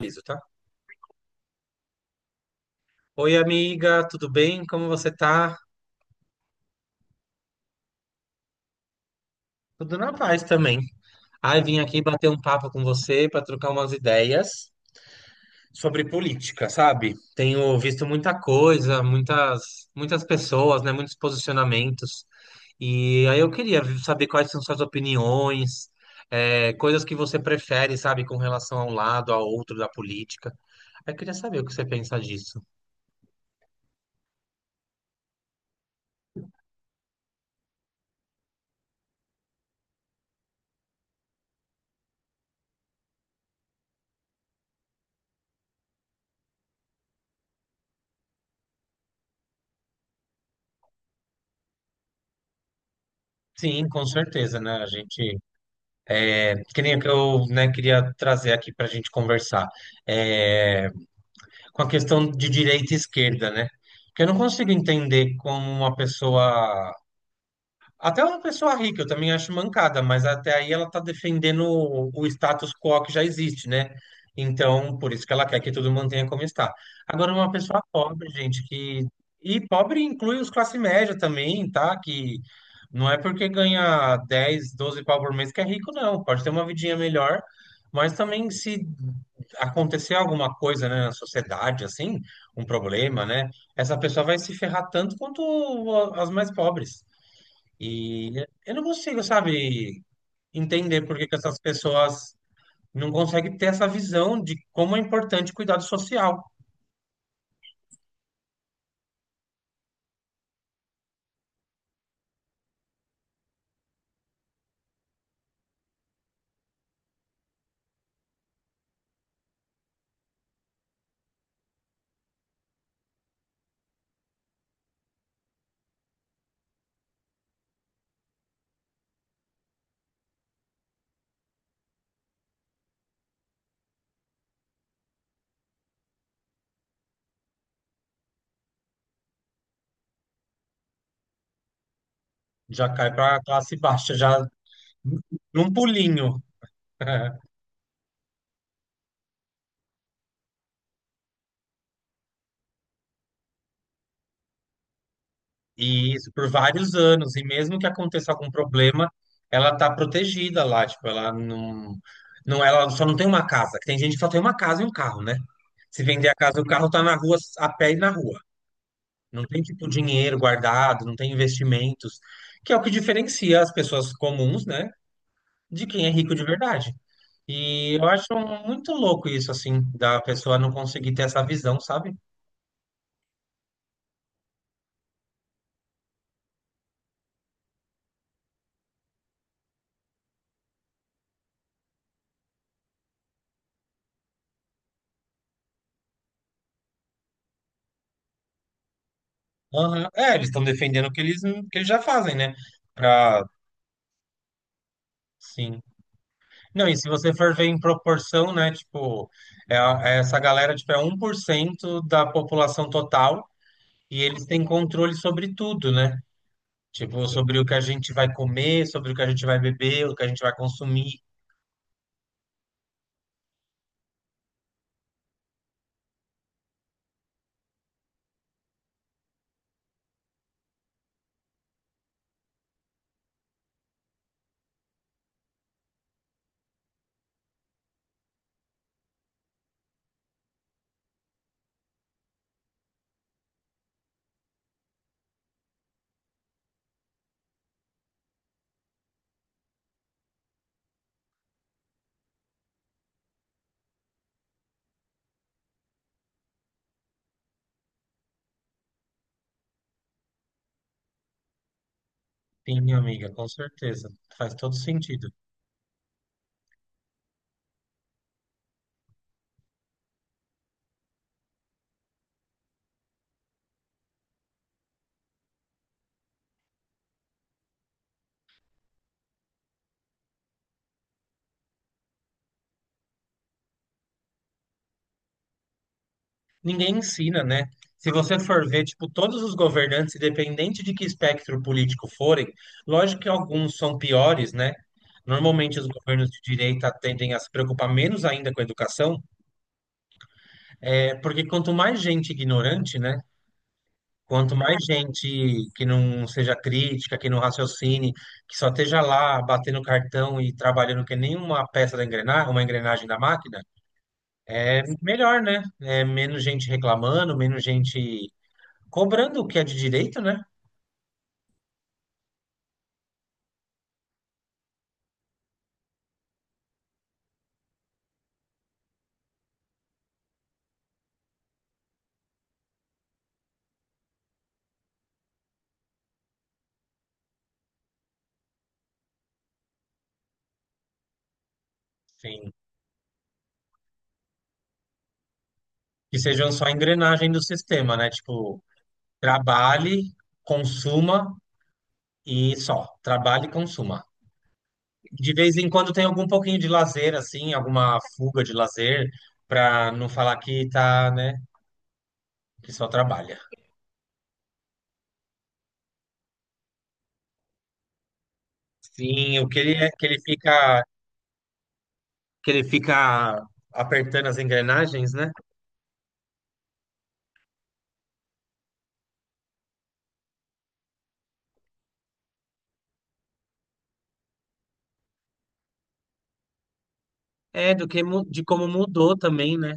Aviso, tá? Oi, amiga, tudo bem? Como você tá? Tudo na paz também. Ai, vim aqui bater um papo com você para trocar umas ideias sobre política, sabe? Tenho visto muita coisa, muitas, muitas pessoas, né? Muitos posicionamentos. E aí eu queria saber quais são suas opiniões, coisas que você prefere, sabe, com relação a um lado, ao outro da política. Aí eu queria saber o que você pensa disso. Sim, com certeza, né? A gente, que nem que eu, né, queria trazer aqui para a gente conversar, é, com a questão de direita e esquerda, né? Porque eu não consigo entender como uma pessoa até uma pessoa rica eu também acho mancada, mas até aí ela está defendendo o status quo que já existe, né? Então, por isso que ela quer que tudo mantenha como está. Agora, uma pessoa pobre, gente, que. E pobre inclui os classe média também, tá? Que não é porque ganha 10, 12 pau por mês que é rico, não. Pode ter uma vidinha melhor, mas também se acontecer alguma coisa, né, na sociedade, assim, um problema, né? Essa pessoa vai se ferrar tanto quanto as mais pobres. E eu não consigo, sabe, entender por que que essas pessoas não conseguem ter essa visão de como é importante o cuidado social. Já cai para a classe baixa, já num pulinho. E isso por vários anos. E mesmo que aconteça algum problema, ela tá protegida lá. Tipo, ela não, não, ela só não tem uma casa. Tem gente que só tem uma casa e um carro, né? Se vender a casa e o carro, tá na rua, a pé e na rua. Não tem, tipo, dinheiro guardado, não tem investimentos, que é o que diferencia as pessoas comuns, né, de quem é rico de verdade. E eu acho muito louco isso, assim, da pessoa não conseguir ter essa visão, sabe? Aham. É, eles estão defendendo o que eles já fazem, né? Pra, sim. Não, e se você for ver em proporção, né, tipo, é essa galera, tipo, é 1% da população total e eles têm controle sobre tudo, né? Tipo, sobre o que a gente vai comer, sobre o que a gente vai beber, o que a gente vai consumir. Sim, minha amiga, com certeza. Faz todo sentido. Ninguém ensina, né? Se você for ver, tipo, todos os governantes, independente de que espectro político forem, lógico que alguns são piores, né? Normalmente os governos de direita tendem a se preocupar menos ainda com a educação, é porque quanto mais gente ignorante, né? Quanto mais gente que não seja crítica, que não raciocine, que só esteja lá batendo cartão e trabalhando que nem uma peça da engrenagem, uma engrenagem da máquina, melhor, né? É, menos gente reclamando, menos gente cobrando o que é de direito, né? Sim. Que sejam só engrenagem do sistema, né? Tipo, trabalhe, consuma e só. Trabalhe e consuma. De vez em quando tem algum pouquinho de lazer, assim, alguma fuga de lazer, para não falar que tá, né? Que só trabalha. Sim, o que ele é, que ele fica apertando as engrenagens, né? É do que de como mudou também, né?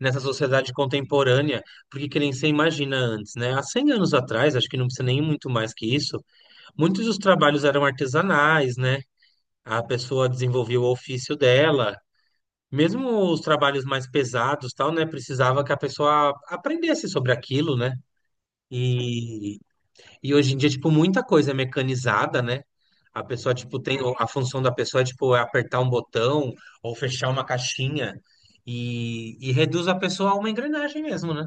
Nessa sociedade contemporânea, porque que nem você imagina antes, né? Há 100 anos atrás, acho que não precisa nem muito mais que isso, muitos dos trabalhos eram artesanais, né? A pessoa desenvolvia o ofício dela. Mesmo os trabalhos mais pesados, tal, né? Precisava que a pessoa aprendesse sobre aquilo, né? E hoje em dia, tipo, muita coisa é mecanizada, né? A pessoa, tipo, tem a função da pessoa, tipo, é apertar um botão ou fechar uma caixinha e reduz a pessoa a uma engrenagem mesmo, né?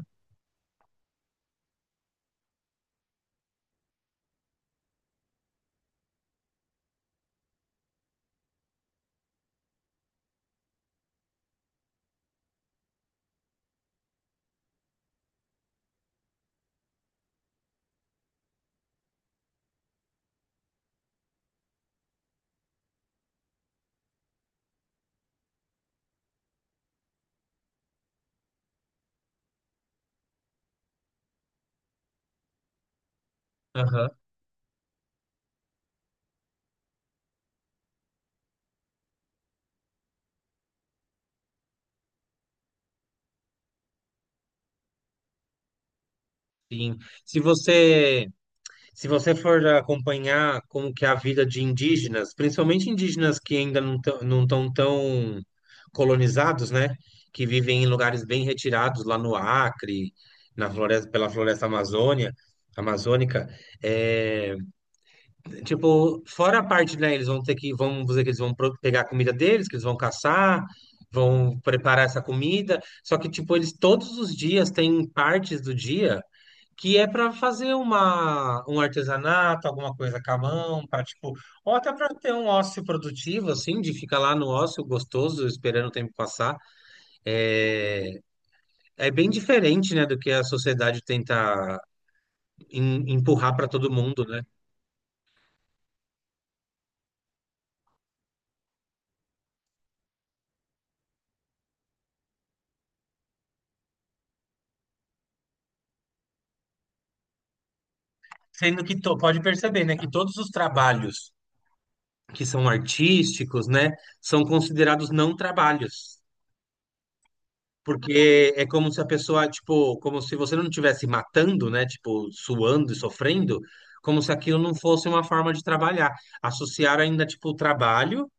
Aham, sim. Se você, se você for acompanhar como que é a vida de indígenas, principalmente indígenas que ainda não estão tão colonizados, né? Que vivem em lugares bem retirados, lá no Acre, na floresta, pela floresta amazônica, é. Tipo, fora a parte, né? Eles vão ter que, vamos dizer que eles vão pegar a comida deles, que eles vão caçar, vão preparar essa comida. Só que, tipo, eles todos os dias têm partes do dia que é para fazer uma, um artesanato, alguma coisa com a mão, para tipo, ou até para ter um ócio produtivo, assim, de ficar lá no ócio gostoso, esperando o tempo passar. É, é bem diferente, né, do que a sociedade tenta empurrar para todo mundo, né? Sendo que pode perceber, né, que todos os trabalhos que são artísticos, né, são considerados não trabalhos, porque é como se a pessoa, tipo, como se você não estivesse matando, né, tipo, suando e sofrendo, como se aquilo não fosse uma forma de trabalhar. Associar ainda, tipo, o trabalho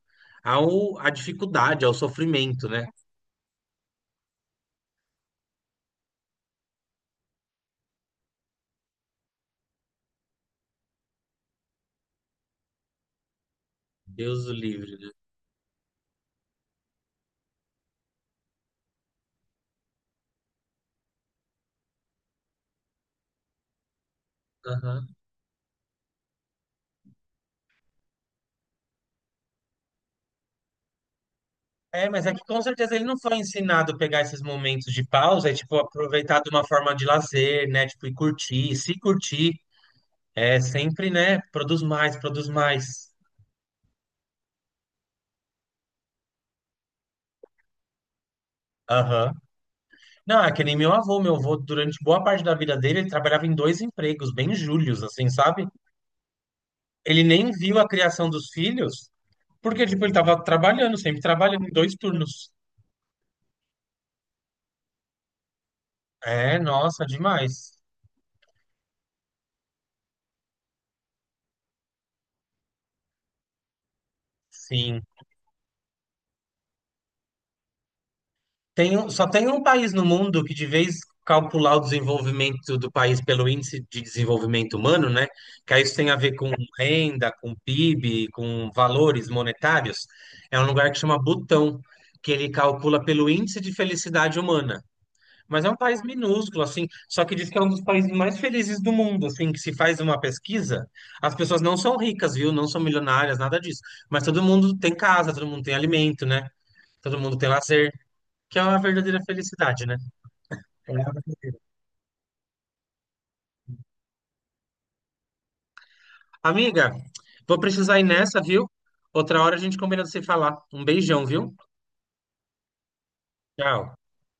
ao, à dificuldade, ao sofrimento, né? Deus o livre, né? Aham. É, mas é que com certeza ele não foi ensinado a pegar esses momentos de pausa e, tipo, aproveitar de uma forma de lazer, né? Tipo, e curtir, se curtir, é sempre, né? Produz mais, produz mais. Aham. Não, é que nem meu avô. Meu avô, durante boa parte da vida dele, ele trabalhava em dois empregos, bem júlios, assim, sabe? Ele nem viu a criação dos filhos, porque, tipo, ele tava trabalhando, sempre trabalhando em dois turnos. É, nossa, demais. Sim. Só tem um país no mundo que, de vez calcular o desenvolvimento do país pelo índice de desenvolvimento humano, né? Que aí isso tem a ver com renda, com PIB, com valores monetários. É um lugar que chama Butão, que ele calcula pelo índice de felicidade humana. Mas é um país minúsculo, assim, só que diz que é um dos países mais felizes do mundo, assim, que se faz uma pesquisa, as pessoas não são ricas, viu? Não são milionárias, nada disso. Mas todo mundo tem casa, todo mundo tem alimento, né? Todo mundo tem lazer. Que é a verdadeira felicidade, né? É a verdadeira. Amiga, vou precisar ir nessa, viu? Outra hora a gente combina de se falar. Um beijão, viu? Tchau.